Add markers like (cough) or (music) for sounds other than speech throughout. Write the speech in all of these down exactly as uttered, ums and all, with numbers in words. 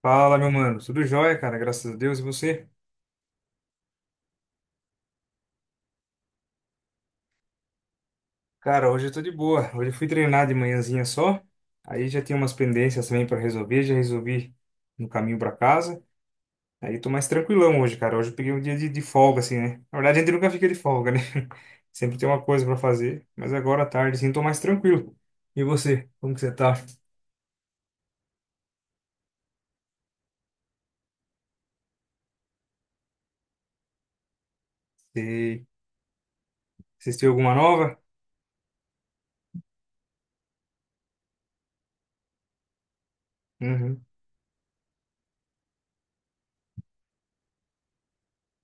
Fala, meu mano. Tudo jóia, cara. Graças a Deus. E você? Cara, hoje eu tô de boa. Hoje eu fui treinar de manhãzinha só. Aí já tinha umas pendências também pra resolver. Já resolvi no caminho pra casa. Aí tô mais tranquilão hoje, cara. Hoje eu peguei um dia de, de folga, assim, né? Na verdade, a gente nunca fica de folga, né? (laughs) Sempre tem uma coisa pra fazer. Mas agora à tarde, assim, tô mais tranquilo. E você? Como que você tá? Você assistiu alguma nova? Uhum.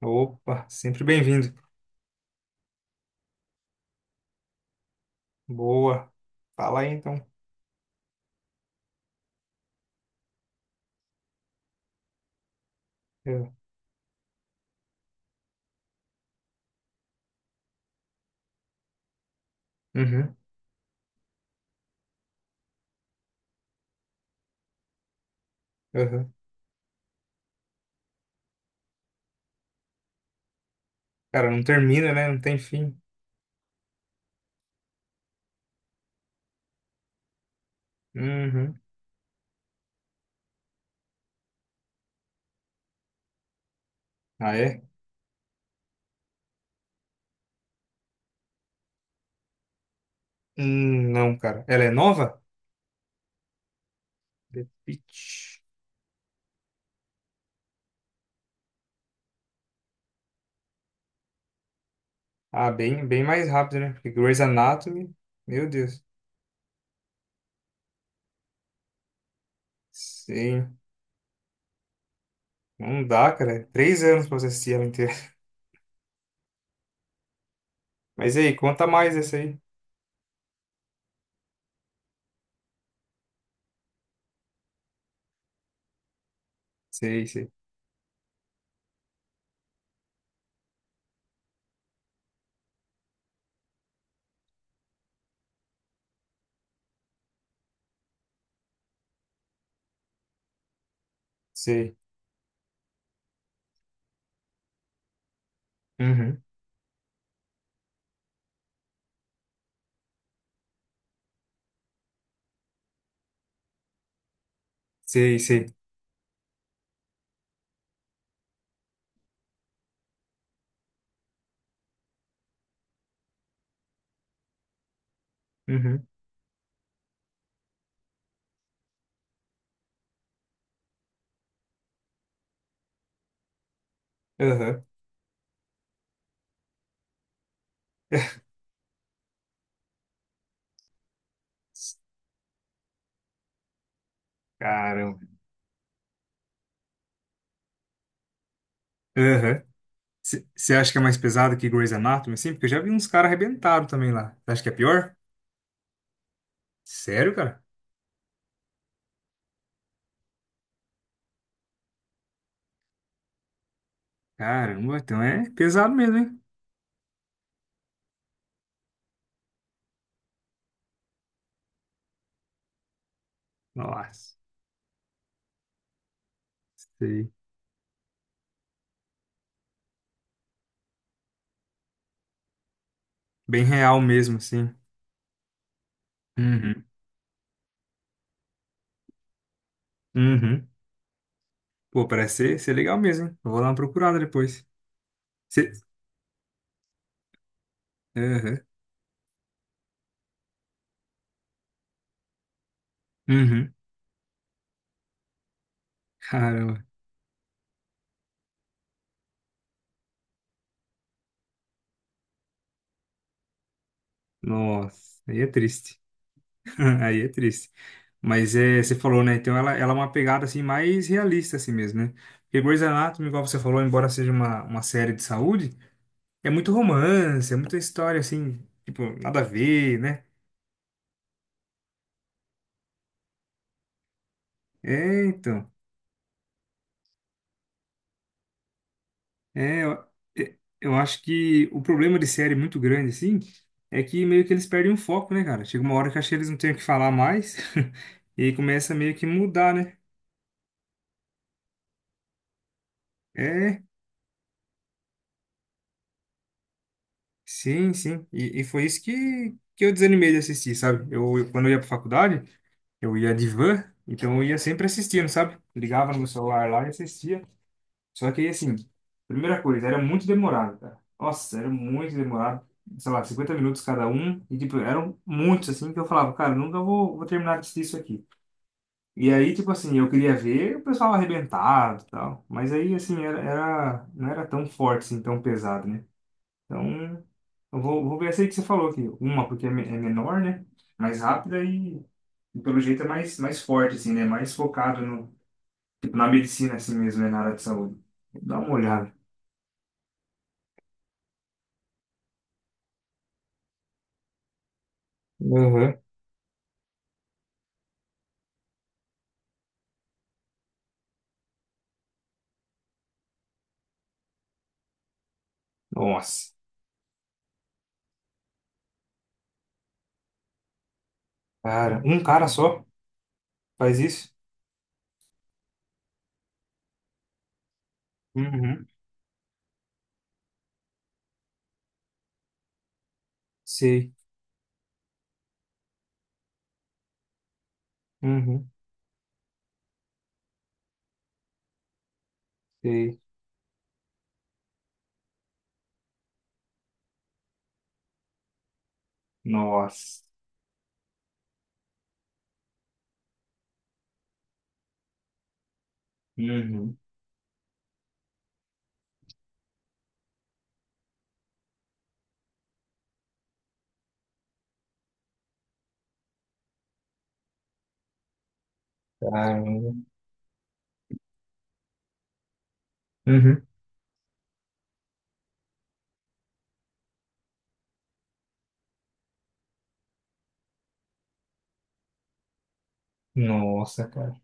Opa, sempre bem-vindo. Boa. Fala aí, então. Eu- Uhum. Uhum. Cara, não termina, né? Não tem fim. Uhum. Ah, é? Hum, não, cara. Ela é nova? The Pitt. Ah, bem, bem mais rápido, né? Porque Grey's Anatomy, meu Deus. Sim. Não dá, cara. É três anos pra você assistir ela inteira. (laughs) Mas e aí, conta mais essa aí. Sei, sei. Sei. Uhum. Sei, sei. Uhum. Aham. (laughs) Caramba. Aham. Você acha que é mais pesado que Grey's Anatomy, assim? Porque eu já vi uns caras arrebentados também lá. Você acha que é pior? Sério, cara? Caramba, então é pesado mesmo, hein? Nossa, sei. Bem real mesmo, assim. Uhum. Uhum. Pô, parece ser, ser legal mesmo, hein? Eu vou dar uma procurada depois. Se... Uhum. Uhum. Caramba. Nossa, aí é triste. (laughs) Aí é triste. Mas é, você falou, né? Então ela, ela é uma pegada assim mais realista assim mesmo, né? Porque Grey's Anatomy, igual você falou, embora seja uma, uma série de saúde, é muito romance, é muita história assim, tipo, nada a ver, né? É, então. É, eu, é, eu acho que o problema de série muito grande, assim, é que meio que eles perdem o foco, né, cara? Chega uma hora que acho que eles não têm o que falar mais (laughs) e aí começa meio que mudar, né? É, sim, sim. E, e foi isso que, que eu desanimei de assistir, sabe? Eu, eu- quando eu ia pra faculdade, eu ia de van, então eu ia sempre assistindo, sabe? Ligava no meu celular lá e assistia. Só que aí, assim, primeira coisa, era muito demorado, cara. Nossa, era muito demorado. Sei lá, cinquenta minutos cada um. E, tipo, eram muitos, assim, que eu falava, cara, nunca vou, vou terminar de assistir isso aqui. E aí, tipo assim, eu queria ver o pessoal arrebentado e tal. Mas aí, assim, era, era, não era tão forte, assim, tão pesado, né? Então, eu vou, vou ver essa aí que você falou aqui. Uma, porque é, me- é menor, né? Mais rápida e, e, pelo jeito, é mais, mais forte, assim, né? Mais focado no, tipo, na medicina, assim mesmo, né? Na área de saúde. Dá uma olhada. Nossa. Cara, um cara só faz isso? Uhum. Sei. Uhum. Sei. Nossa. Uhum. Caramba. Uhum. Nossa, cara.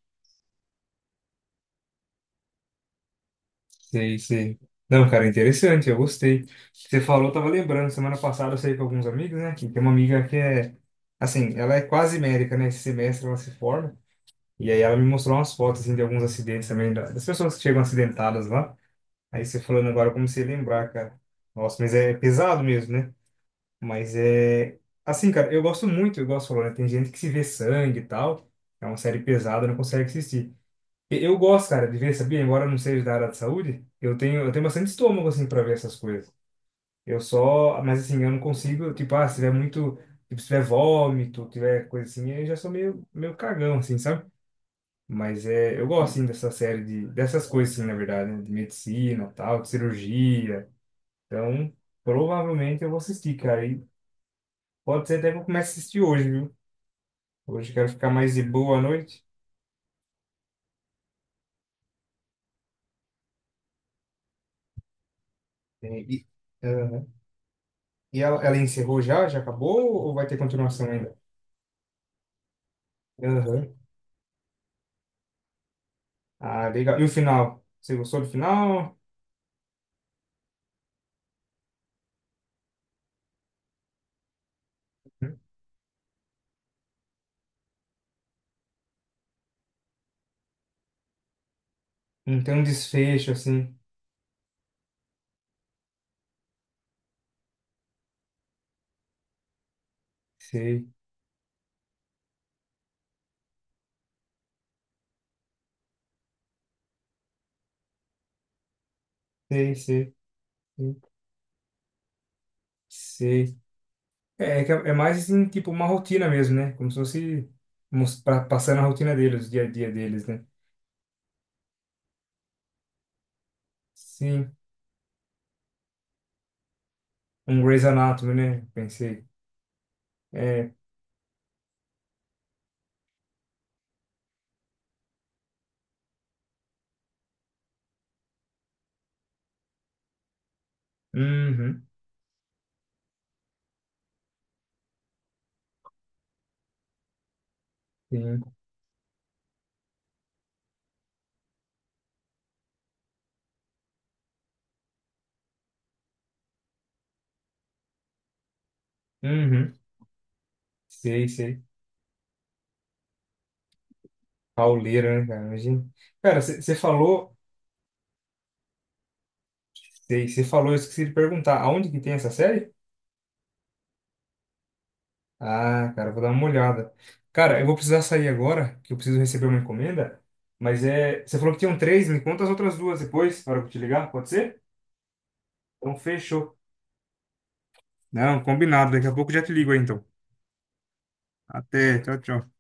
Sei, sei. Não, cara, interessante, eu gostei. Você falou, eu tava lembrando, semana passada eu saí com alguns amigos, né? Que tem uma amiga que é, assim, ela é quase médica, né? Esse semestre ela se forma. E aí ela me mostrou umas fotos, assim, de alguns acidentes também, da- das pessoas que chegam acidentadas lá. Aí você falando agora, eu comecei a lembrar, cara. Nossa, mas é pesado mesmo, né? Mas é. Assim, cara, eu gosto muito, eu gosto, né? Tem gente que se vê sangue e tal. É uma série pesada, não consegue assistir. E- Eu gosto, cara, de ver, sabia? Embora eu não seja da área de saúde, eu tenho, eu tenho bastante estômago, assim, pra ver essas coisas. Eu só. Mas, assim, eu não consigo, tipo, ah, se tiver muito. Tipo, se tiver vômito, tiver coisa assim, eu já sou meio, meio cagão, assim, sabe? Mas é. Eu gosto, assim, dessa série de. Dessas coisas, assim, na verdade, né? De medicina, tal, de cirurgia. Então, provavelmente eu vou assistir, cara. Pode ser até que eu comece a assistir hoje, viu? Hoje eu quero ficar mais de boa à noite. E, e, aham. E ela, ela encerrou já? Já acabou? Ou vai ter continuação ainda? Aham. Ah, legal. E o final? Você gostou do final? Não tem um desfecho, assim. Sei, sei, sei, sei, sei. É, é, que é é mais, assim, tipo, uma rotina mesmo, né? Como se fosse mos- pa- passando a rotina deles, o dia a dia deles, né? Sim. Um Grey's Anatomy, né? Pensei. É. Uhum. Sim. Uhum. Sei, sei. Pauleira, né, cara? Imagina. Cara, você falou, você falou, eu esqueci de perguntar, aonde que tem essa série? Ah, cara, eu vou dar uma olhada. Cara, eu vou precisar sair agora, que eu preciso receber uma encomenda, mas é, você falou que tinham três, me conta as outras duas depois, na hora que eu te ligar, pode ser? Então, fechou. Não, combinado, daqui a pouco eu já te ligo aí, então. Até, tchau, tchau.